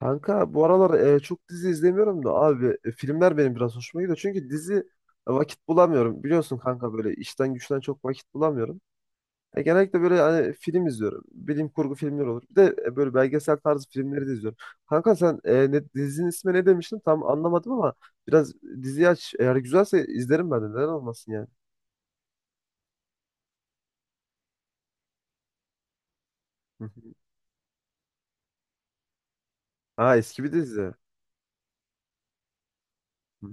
Kanka bu aralar çok dizi izlemiyorum da abi filmler benim biraz hoşuma gidiyor. Çünkü dizi vakit bulamıyorum. Biliyorsun kanka böyle işten güçten çok vakit bulamıyorum. Genellikle böyle hani film izliyorum. Bilim kurgu filmleri olur. Bir de böyle belgesel tarzı filmleri de izliyorum. Kanka sen dizinin ismi ne demiştin? Tam anlamadım ama biraz diziyi aç. Eğer güzelse izlerim ben de. Neden olmasın yani? Hı hı. Ha eski bir dizi. Hı hı.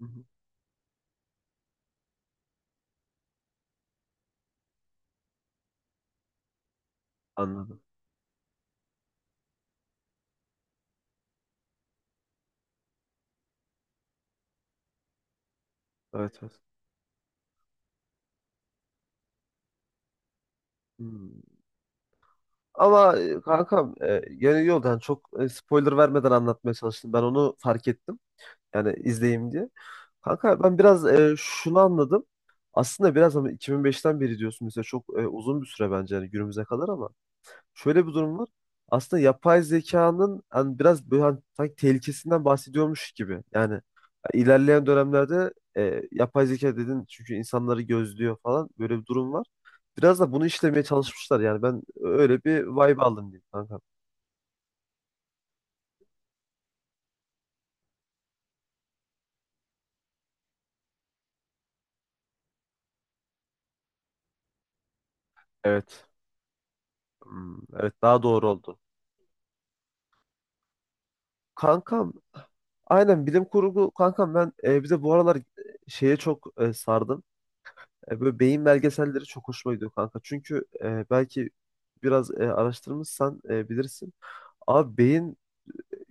Hı hı. Anladım. Evet, evet. Hı. Ama kankam yani yok yani çok spoiler vermeden anlatmaya çalıştım. Ben onu fark ettim. Yani izleyeyim diye. Kanka ben biraz şunu anladım. Aslında biraz ama 2005'ten beri diyorsun mesela çok uzun bir süre bence yani günümüze kadar ama şöyle bir durum var. Aslında yapay zekanın hani biraz böyle hani sanki tehlikesinden bahsediyormuş gibi. Yani ilerleyen dönemlerde yapay zeka dedin çünkü insanları gözlüyor falan böyle bir durum var. Biraz da bunu işlemeye çalışmışlar. Yani ben öyle bir vibe aldım diyeyim kankam. Evet. Hmm, evet daha doğru oldu. Kankam aynen bilim kurgu kankam ben bize bu aralar şeye çok sardım. Böyle beyin belgeselleri çok hoşuma gidiyor kanka. Çünkü belki biraz araştırmışsan bilirsin. Abi beyin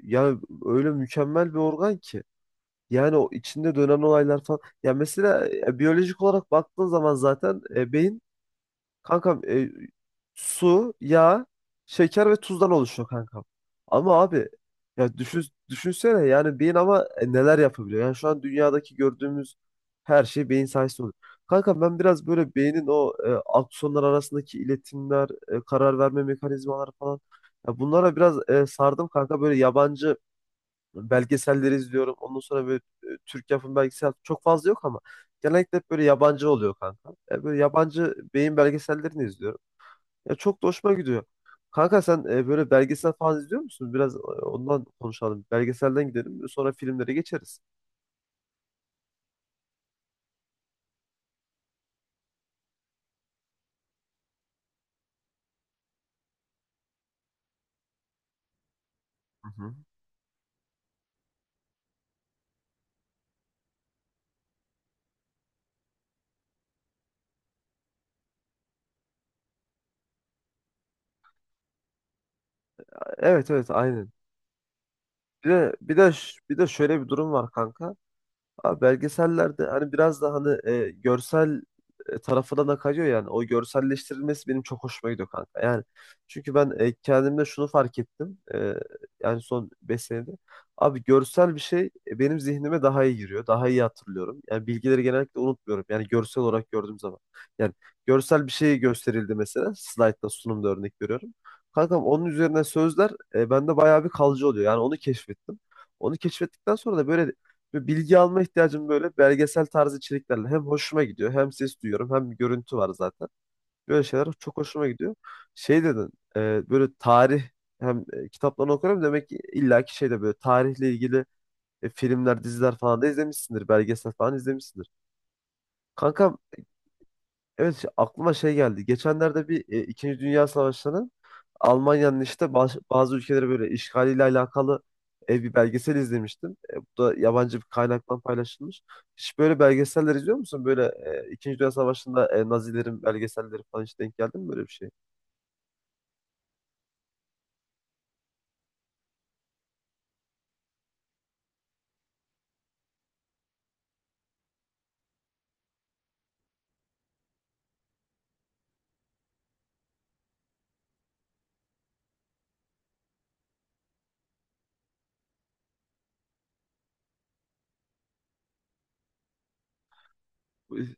yani öyle mükemmel bir organ ki. Yani o içinde dönen olaylar falan. Ya mesela biyolojik olarak baktığın zaman zaten beyin kankam, su, yağ, şeker ve tuzdan oluşuyor kankam. Ama abi ya düşünsene yani beyin ama neler yapabiliyor. Yani şu an dünyadaki gördüğümüz her şey beyin sayesinde oluyor. Kankam ben biraz böyle beynin o aksonlar arasındaki iletimler, karar verme mekanizmaları falan ya bunlara biraz sardım kanka böyle yabancı belgeselleri izliyorum. Ondan sonra böyle Türk yapım belgesel çok fazla yok ama genellikle hep böyle yabancı oluyor kanka. Ya böyle yabancı beyin belgesellerini izliyorum. Ya çok da hoşuma gidiyor. Kanka sen böyle belgesel falan izliyor musun? Biraz ondan konuşalım. Belgeselden gidelim. Sonra filmlere geçeriz. Hı hı. Evet, evet, aynen. Bir de şöyle bir durum var kanka. Abi belgesellerde hani biraz da hani görsel tarafına da kayıyor yani. O görselleştirilmesi benim çok hoşuma gidiyor kanka. Yani çünkü ben kendimde şunu fark ettim. Yani son 5 senede. Abi görsel bir şey benim zihnime daha iyi giriyor. Daha iyi hatırlıyorum. Yani bilgileri genellikle unutmuyorum. Yani görsel olarak gördüğüm zaman. Yani görsel bir şey gösterildi mesela. Slide'da sunumda örnek veriyorum. Kankam onun üzerine sözler bende bayağı bir kalıcı oluyor. Yani onu keşfettim. Onu keşfettikten sonra da böyle ve bilgi alma ihtiyacım böyle belgesel tarzı içeriklerle hem hoşuma gidiyor hem ses duyuyorum hem bir görüntü var zaten. Böyle şeyler çok hoşuma gidiyor. Şey dedin böyle tarih hem kitaplarını okuyorum demek ki illaki şeyde böyle tarihle ilgili filmler diziler falan da izlemişsindir belgesel falan izlemişsindir. Kankam evet aklıma şey geldi. Geçenlerde bir İkinci Dünya Savaşı'nın Almanya'nın işte bazı ülkeleri böyle işgaliyle alakalı bir belgesel izlemiştim. Bu da yabancı bir kaynaktan paylaşılmış. Hiç böyle belgeseller izliyor musun? Böyle İkinci Dünya Savaşı'nda Nazilerin belgeselleri falan hiç denk geldi mi böyle bir şey?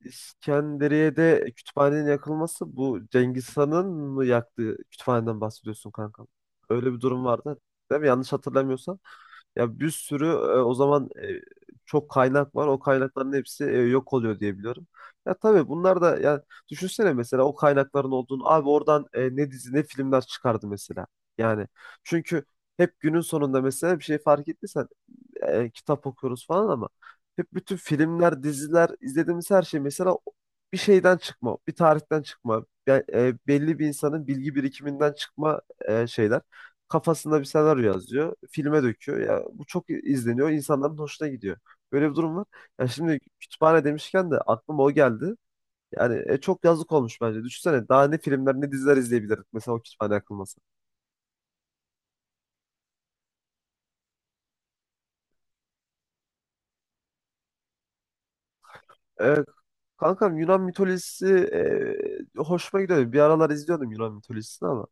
İskenderiye'de kütüphanenin yakılması bu Cengiz Han'ın mı yaktığı kütüphaneden bahsediyorsun kankam. Öyle bir durum vardı değil mi? Yanlış hatırlamıyorsam. Ya bir sürü o zaman çok kaynak var. O kaynakların hepsi yok oluyor diye biliyorum. Ya tabii bunlar da ya düşünsene mesela o kaynakların olduğunu abi oradan ne dizi ne filmler çıkardı mesela. Yani çünkü hep günün sonunda mesela bir şey fark ettiysen kitap okuyoruz falan ama hep bütün filmler, diziler, izlediğimiz her şey mesela bir şeyden çıkma, bir tarihten çıkma, belli bir insanın bilgi birikiminden çıkma şeyler. Kafasında bir senaryo yazıyor, filme döküyor. Ya bu çok izleniyor, insanların hoşuna gidiyor. Böyle bir durum var. Ya şimdi kütüphane demişken de aklıma o geldi. Yani çok yazık olmuş bence. Düşünsene daha ne filmler ne diziler izleyebilirdik mesela o kütüphane akılması. Kankam Yunan mitolojisi hoşuma gidiyordu. Bir aralar izliyordum Yunan mitolojisini ama.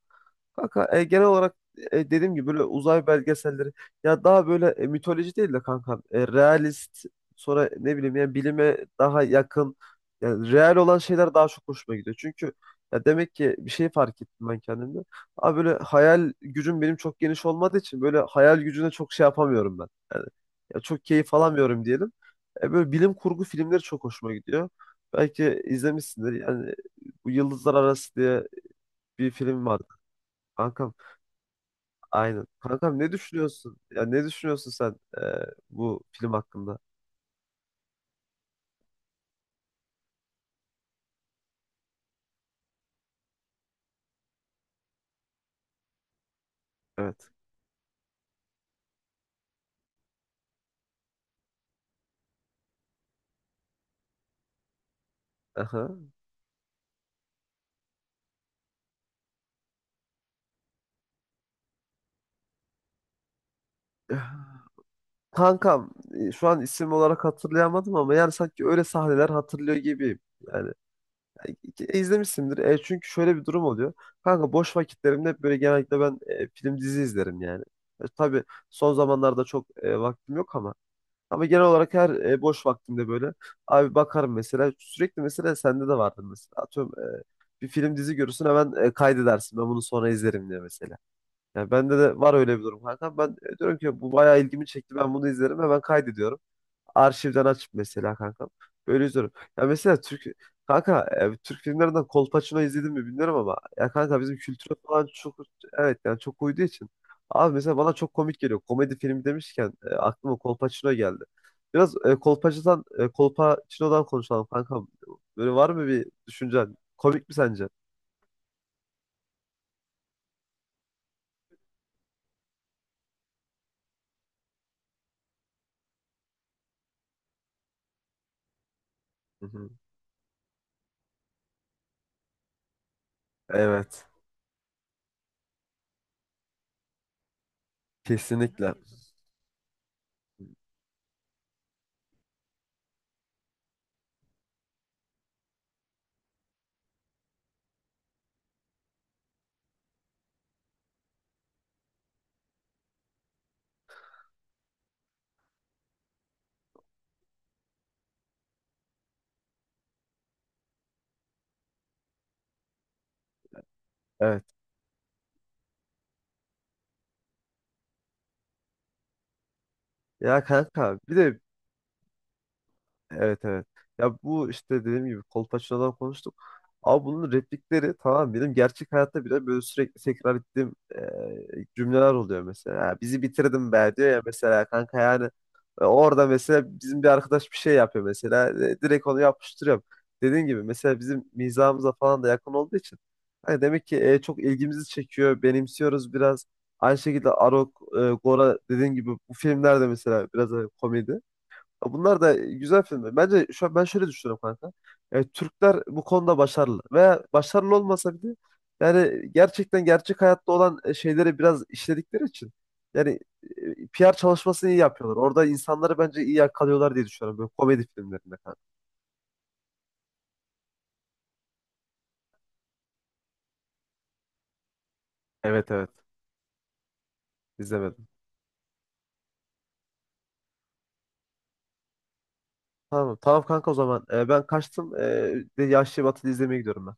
Kanka genel olarak dediğim gibi böyle uzay belgeselleri ya daha böyle mitoloji değil de kankam realist sonra ne bileyim yani bilime daha yakın yani real olan şeyler daha çok hoşuma gidiyor. Çünkü ya demek ki bir şey fark ettim ben kendimde. Abi böyle hayal gücüm benim çok geniş olmadığı için böyle hayal gücüne çok şey yapamıyorum ben. Yani ya çok keyif alamıyorum diyelim. Böyle bilim kurgu filmleri çok hoşuma gidiyor. Belki izlemişsindir. Yani bu Yıldızlar Arası diye bir film vardı. Kankam, aynen. Kankam ne düşünüyorsun? Ya ne düşünüyorsun sen e, bu film hakkında? Evet. Aha. Kankam, şu an isim olarak hatırlayamadım ama yani sanki öyle sahneler hatırlıyor gibiyim. Yani izlemişsindir. Çünkü şöyle bir durum oluyor. Kanka boş vakitlerimde hep böyle genellikle ben film dizi izlerim yani. Tabii son zamanlarda çok vaktim yok ama. Ama genel olarak her boş vaktimde böyle abi bakarım mesela. Sürekli mesela sende de vardır mesela. Atıyorum bir film dizi görürsün hemen kaydedersin. Ben bunu sonra izlerim diye mesela. Yani bende de var öyle bir durum kanka. Ben diyorum ki bu bayağı ilgimi çekti. Ben bunu izlerim hemen kaydediyorum. Arşivden açıp mesela kanka. Böyle izliyorum. Ya mesela Türk kanka Türk filmlerinden Kolpaçino izledim mi bilmiyorum ama ya kanka bizim kültüre falan çok evet yani çok uyduğu için. Abi mesela bana çok komik geliyor. Komedi filmi demişken aklıma Kolpaçino geldi. Biraz Kolpaçino'dan konuşalım kankam. Böyle var mı bir düşüncen? Komik mi sence? Hı hı. Evet. Kesinlikle. Evet. Ya kanka bir de evet, evet. Ya bu işte dediğim gibi Kolpaçino'dan konuştuk. Ama bunun replikleri tamam benim gerçek hayatta bile böyle sürekli tekrar ettiğim cümleler oluyor mesela. Ya bizi bitirdin be diyor ya mesela kanka yani orada mesela bizim bir arkadaş bir şey yapıyor mesela direkt onu yapıştırıyorum. Dediğim gibi mesela bizim mizahımıza falan da yakın olduğu için hani demek ki çok ilgimizi çekiyor, benimsiyoruz biraz. Aynı şekilde Arok, Gora dediğim gibi bu filmlerde mesela biraz komedi. Ya bunlar da güzel filmler. Bence şu an ben şöyle düşünüyorum kanka. Türkler bu konuda başarılı. Veya başarılı olmasa bile yani gerçek hayatta olan şeyleri biraz işledikleri için yani PR çalışmasını iyi yapıyorlar. Orada insanları bence iyi yakalıyorlar diye düşünüyorum böyle komedi filmlerinde kanka. Evet, evet, izlemedim. Tamam, tamam kanka o zaman. Ben kaçtım. Bir de Yahşi Batı'yı izlemeye gidiyorum ben.